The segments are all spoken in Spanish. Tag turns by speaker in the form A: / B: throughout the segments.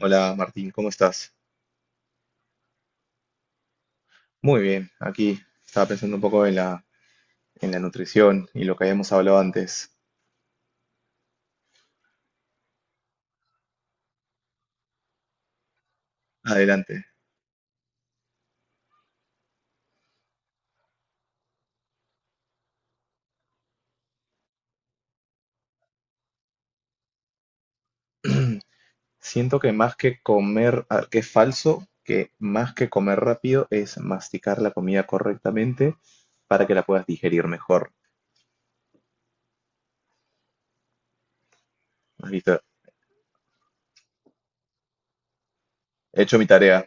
A: Hola Martín, ¿cómo estás? Muy bien, aquí estaba pensando un poco en la nutrición y lo que habíamos hablado antes. Adelante. Siento que más que comer, que es falso, que más que comer rápido es masticar la comida correctamente para que la puedas digerir mejor. ¿Has visto? He hecho mi tarea.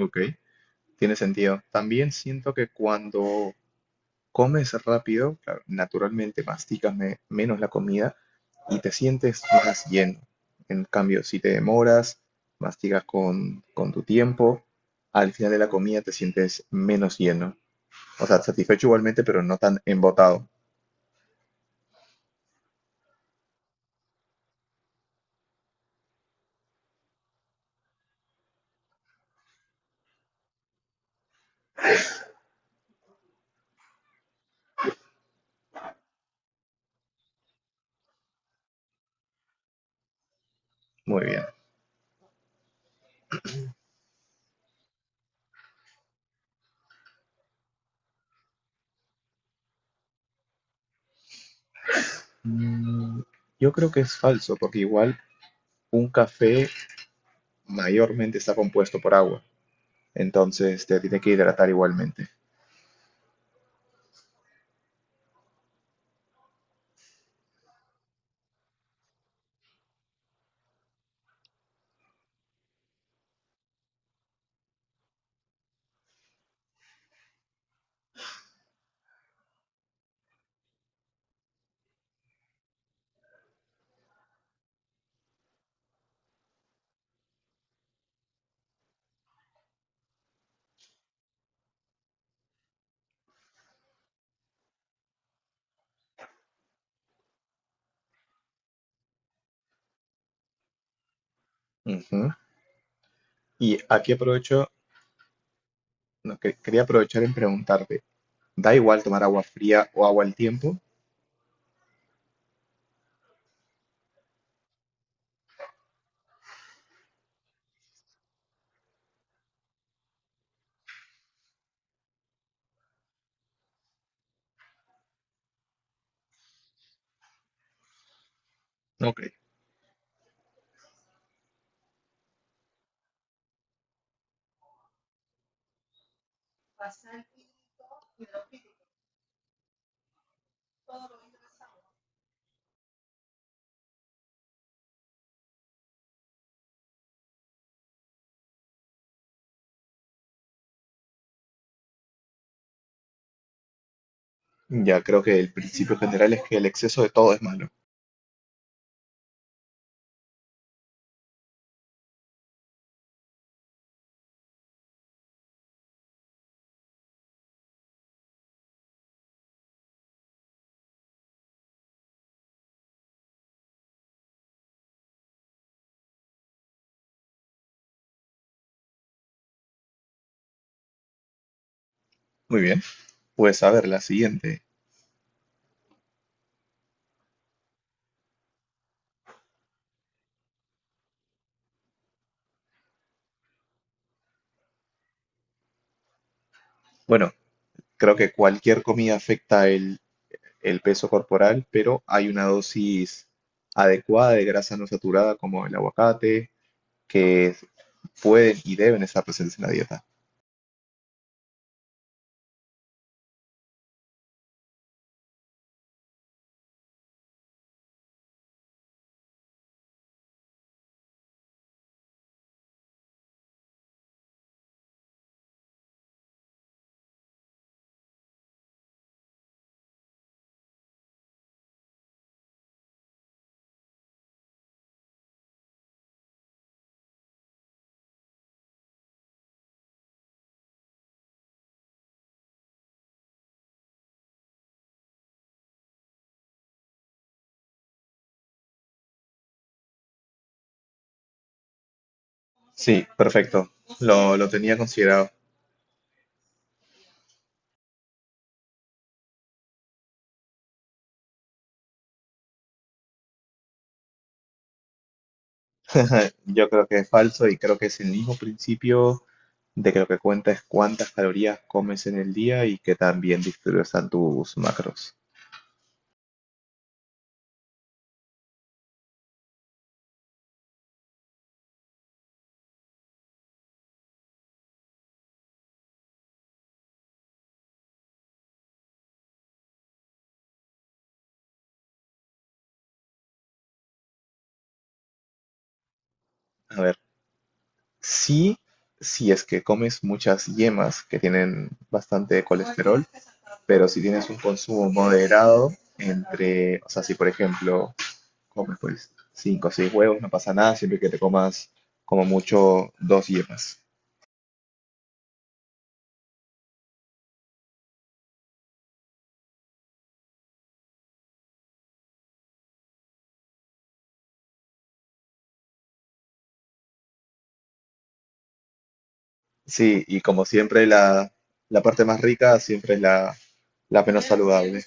A: Ok. Tiene sentido. También siento que cuando comes rápido, claro, naturalmente masticas menos la comida y te sientes más lleno. En cambio, si te demoras, mastigas con tu tiempo, al final de la comida te sientes menos lleno. O sea, satisfecho igualmente, pero no tan embotado. Muy bien. Mm, yo creo que es falso, porque igual un café mayormente está compuesto por agua. Entonces te tiene que hidratar igualmente. Ujú. Y aquí aprovecho, no, quería aprovechar en preguntarte, da igual tomar agua fría o agua al tiempo. Ok. Ya creo que el principio general es que el exceso de todo es malo. Muy bien. Pues a ver, la siguiente. Bueno, creo que cualquier comida afecta el peso corporal, pero hay una dosis adecuada de grasa no saturada como el aguacate, que pueden y deben estar presentes en la dieta. Sí, perfecto. Lo tenía considerado. Yo creo que es falso y creo que es el mismo principio de que lo que cuenta es cuántas calorías comes en el día y que también están tus macros. A ver, sí, si es que comes muchas yemas que tienen bastante colesterol, pero si tienes un consumo moderado entre, o sea, si por ejemplo comes pues 5, o 6 huevos, no pasa nada, siempre que te comas como mucho dos yemas. Sí, y como siempre la parte más rica siempre es la menos saludable.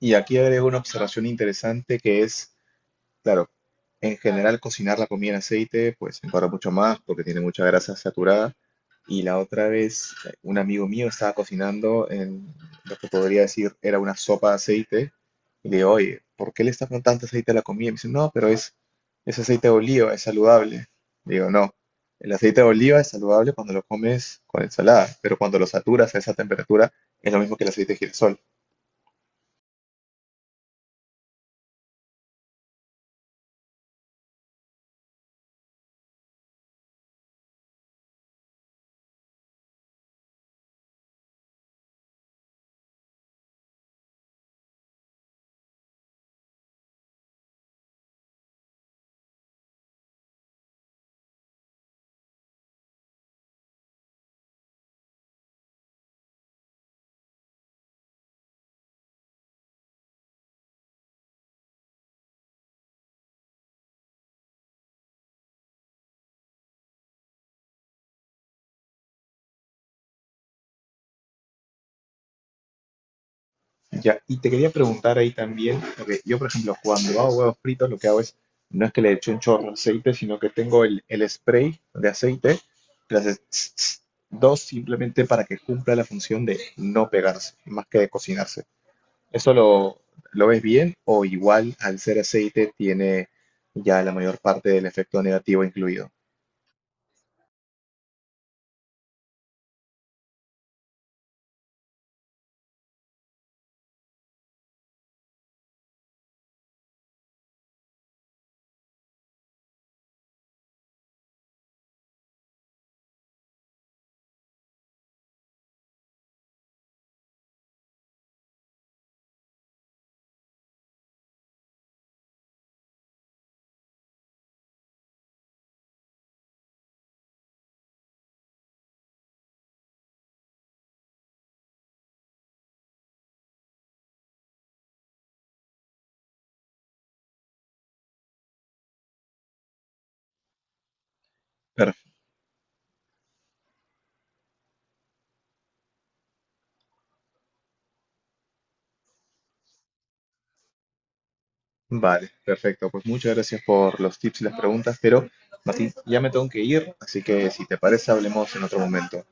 A: Y aquí agrego una observación interesante que es: claro, en general cocinar la comida en aceite pues engorda mucho más porque tiene mucha grasa saturada. Y la otra vez un amigo mío estaba cocinando en lo que podría decir era una sopa de aceite y le digo, oye, ¿por qué le estás poniendo tanto aceite a la comida? Y me dice, no, pero es aceite de oliva, es saludable. Le digo, no, el aceite de oliva es saludable cuando lo comes con ensalada, pero cuando lo saturas a esa temperatura es lo mismo que el aceite de girasol. Ya, y te quería preguntar ahí también, porque yo, por ejemplo, cuando hago huevos fritos, lo que hago es, no es que le eche un chorro de aceite, sino que tengo el spray de aceite, que le haces tss, tss, dos simplemente para que cumpla la función de no pegarse, más que de cocinarse. ¿Eso lo ves bien o igual al ser aceite tiene ya la mayor parte del efecto negativo incluido? Per- vale, perfecto. Pues muchas gracias por los tips y las preguntas, pero Martín, ya me tengo que ir, así que si te parece, hablemos en otro momento.